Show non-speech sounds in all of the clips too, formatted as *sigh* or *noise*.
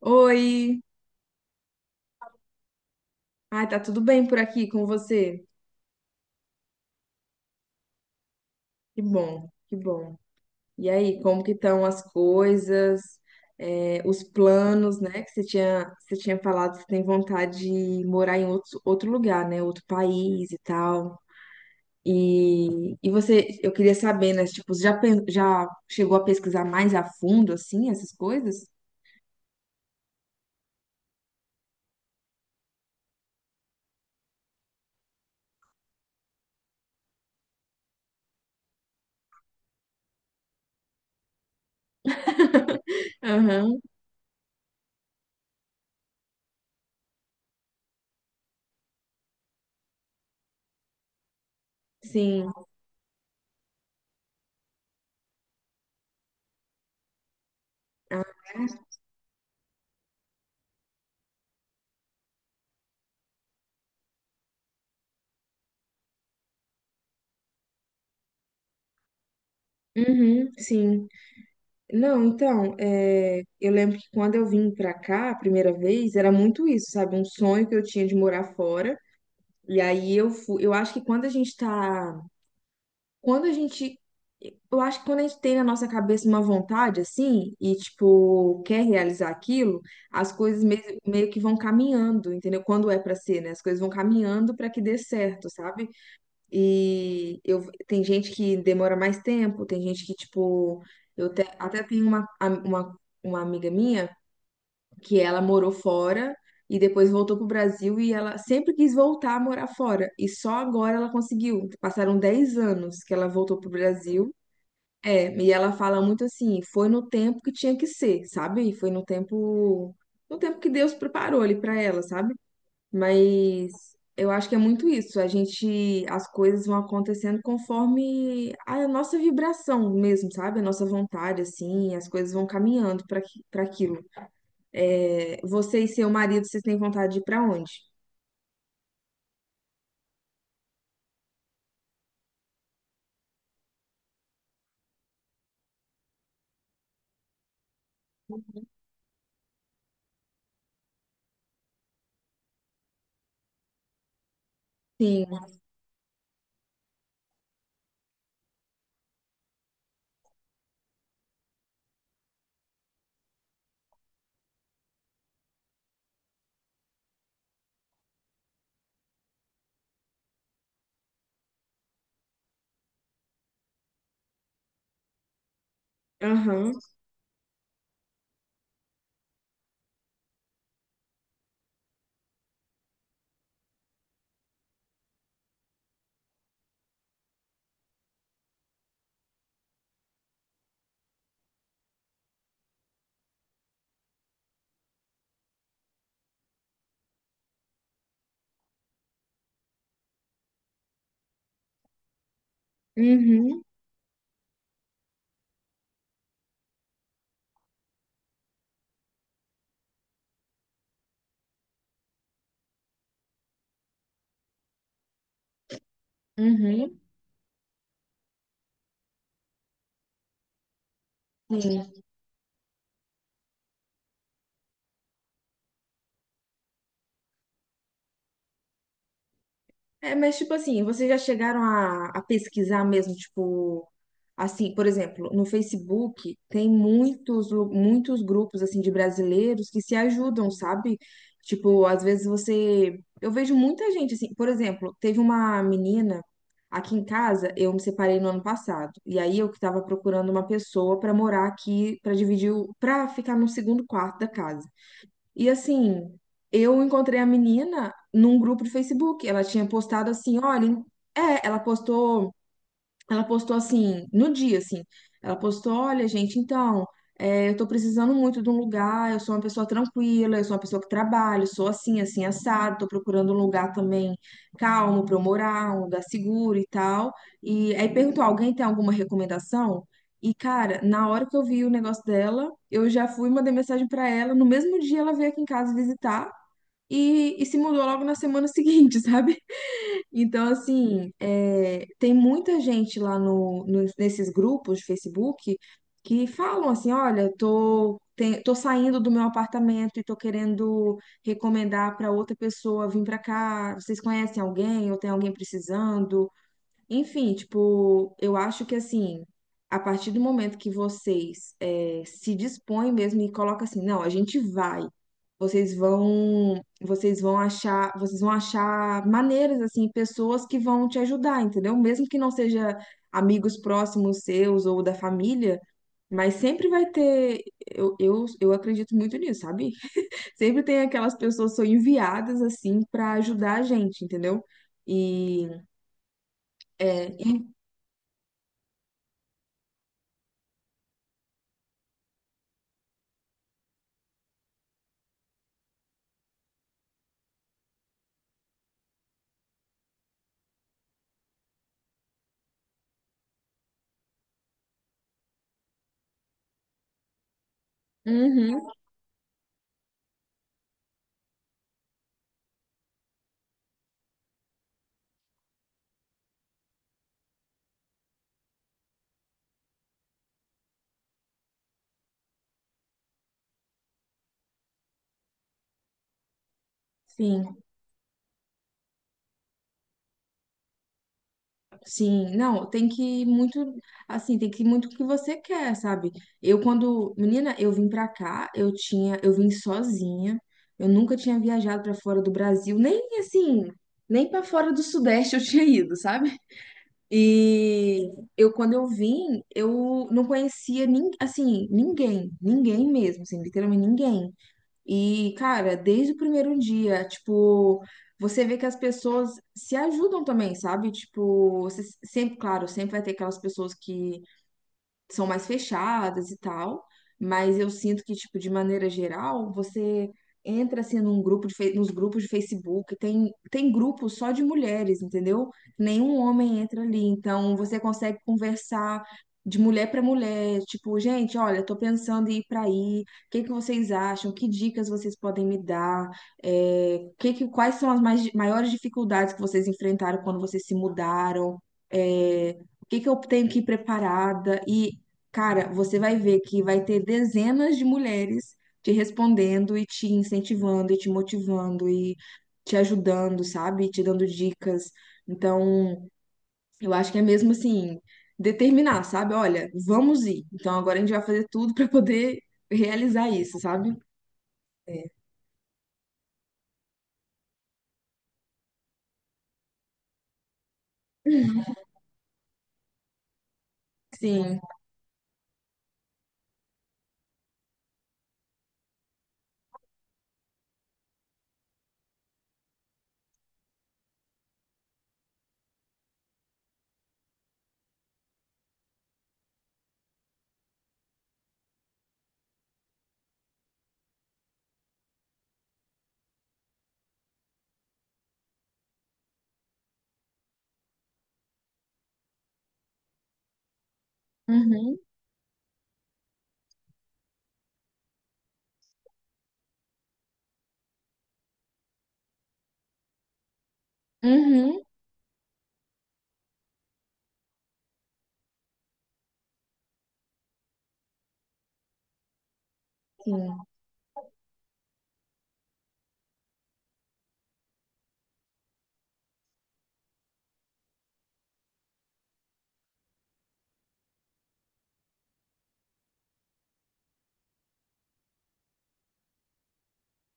Oi! Ai, tá tudo bem por aqui com você? Que bom, que bom. E aí, como que estão as coisas, os planos, né? Que você tinha falado que você tem vontade de morar em outro lugar, né? Outro país e tal. E você, eu queria saber, né? Tipo, você já chegou a pesquisar mais a fundo, assim, essas coisas? Aham, sim. Ah, é? Uhum, sim. Não, então, eu lembro que quando eu vim pra cá a primeira vez, era muito isso, sabe? Um sonho que eu tinha de morar fora. E aí eu acho que quando a gente tá, quando a gente, eu acho que quando a gente tem na nossa cabeça uma vontade assim e tipo quer realizar aquilo, as coisas meio que vão caminhando, entendeu? Quando é pra ser, né? As coisas vão caminhando pra que dê certo, sabe? Tem gente que demora mais tempo, tem gente que, tipo, até tenho uma amiga minha que ela morou fora e depois voltou pro Brasil e ela sempre quis voltar a morar fora. E só agora ela conseguiu. Passaram 10 anos que ela voltou pro Brasil. E ela fala muito assim, foi no tempo que tinha que ser, sabe? Foi no tempo que Deus preparou ali pra ela, sabe? Mas eu acho que é muito isso. As coisas vão acontecendo conforme a nossa vibração mesmo, sabe? A nossa vontade, assim, as coisas vão caminhando para aquilo. Você e seu marido, vocês têm vontade de ir para onde? Sim. Aham. Uhum. Uhum. Sim. Mas tipo assim, vocês já chegaram a pesquisar mesmo, tipo, assim, por exemplo, no Facebook tem muitos grupos, assim, de brasileiros que se ajudam, sabe? Tipo, às vezes você... Eu vejo muita gente, assim, por exemplo, teve uma menina aqui em casa, eu me separei no ano passado, e aí eu que tava procurando uma pessoa pra morar aqui, pra dividir, pra ficar no segundo quarto da casa. E assim, eu encontrei a menina num grupo de Facebook. Ela tinha postado assim, olha, ela postou. Ela postou assim, no dia, assim. Ela postou: olha, gente, então, eu tô precisando muito de um lugar. Eu sou uma pessoa tranquila, eu sou uma pessoa que trabalho, sou assim, assim, assado. Tô procurando um lugar também calmo pra eu morar, um lugar seguro e tal. E aí perguntou: alguém tem alguma recomendação? E, cara, na hora que eu vi o negócio dela, eu já fui, mandei mensagem pra ela. No mesmo dia, ela veio aqui em casa visitar e se mudou logo na semana seguinte, *laughs* sabe? Então, assim, tem muita gente lá nesses grupos de Facebook que falam assim, olha, tô saindo do meu apartamento e tô querendo recomendar para outra pessoa vir para cá. Vocês conhecem alguém ou tem alguém precisando? Enfim, tipo, eu acho que assim, a partir do momento que vocês se dispõem mesmo e colocam assim, não, a gente vai. Vocês vão achar maneiras assim, pessoas que vão te ajudar, entendeu? Mesmo que não seja amigos próximos seus ou da família, mas sempre vai ter, eu acredito muito nisso, sabe? *laughs* Sempre tem aquelas pessoas que são enviadas assim para ajudar a gente, entendeu? E, é, e- Uhum. Sim, sim. Não, tem que ir muito, assim, tem que ir muito o que você quer, sabe? Menina, eu vim pra cá, eu vim sozinha. Eu nunca tinha viajado pra fora do Brasil, nem assim, nem pra fora do Sudeste eu *laughs* tinha ido, sabe? E eu quando eu vim, eu não conhecia assim, ninguém, ninguém mesmo, assim, literalmente ninguém. E, cara, desde o primeiro dia, tipo, você vê que as pessoas se ajudam também, sabe? Tipo, você sempre, claro, sempre vai ter aquelas pessoas que são mais fechadas e tal, mas eu sinto que, tipo, de maneira geral, você entra, assim, num grupo de, fe- nos grupos de Facebook, tem grupo só de mulheres, entendeu? Nenhum homem entra ali, então você consegue conversar de mulher para mulher, tipo, gente, olha, tô pensando em ir para aí, o que que vocês acham? Que dicas vocês podem me dar? Quais são as maiores dificuldades que vocês enfrentaram quando vocês se mudaram? É, o que que eu tenho que ir preparada? E cara, você vai ver que vai ter dezenas de mulheres te respondendo e te incentivando e te motivando e te ajudando, sabe? E te dando dicas. Então, eu acho que é mesmo assim, determinar, sabe? Olha, vamos ir. Então, agora a gente vai fazer tudo para poder realizar isso, sabe? É. Sim. Uhum. Uhum. Sim,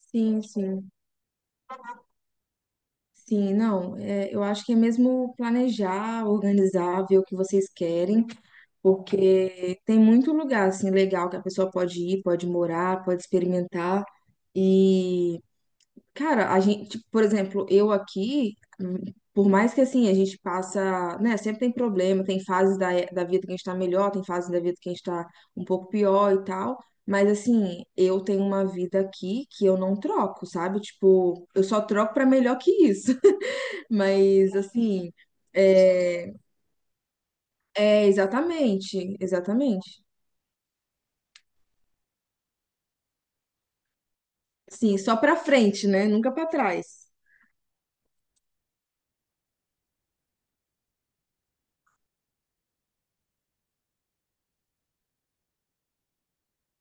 sim, sim. Sim, não, eu acho que é mesmo planejar, organizar, ver o que vocês querem porque tem muito lugar assim legal que a pessoa pode ir, pode morar, pode experimentar. E, cara, a gente, tipo, por exemplo, eu aqui, hum, por mais que assim a gente passa, né, sempre tem problema, tem fases da vida que a gente tá melhor, tem fases da vida que a gente tá um pouco pior e tal. Mas assim, eu tenho uma vida aqui que eu não troco, sabe? Tipo, eu só troco pra melhor que isso. *laughs* Mas assim, é, é exatamente, exatamente. Sim, só pra frente, né? Nunca pra trás.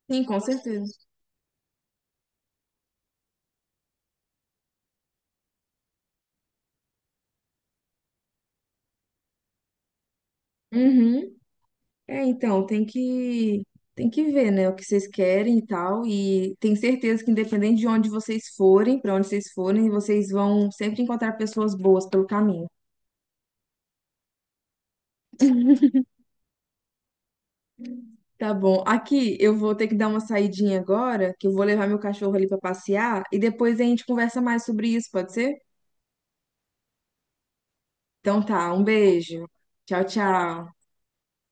Sim, com certeza. Uhum. É, então, tem que ver, né, o que vocês querem e tal, e tenho certeza que independente de onde vocês forem, pra onde vocês forem, vocês vão sempre encontrar pessoas boas pelo caminho. Tá bom. Aqui eu vou ter que dar uma saidinha agora, que eu vou levar meu cachorro ali pra passear e depois a gente conversa mais sobre isso, pode ser? Então tá, um beijo. Tchau, tchau.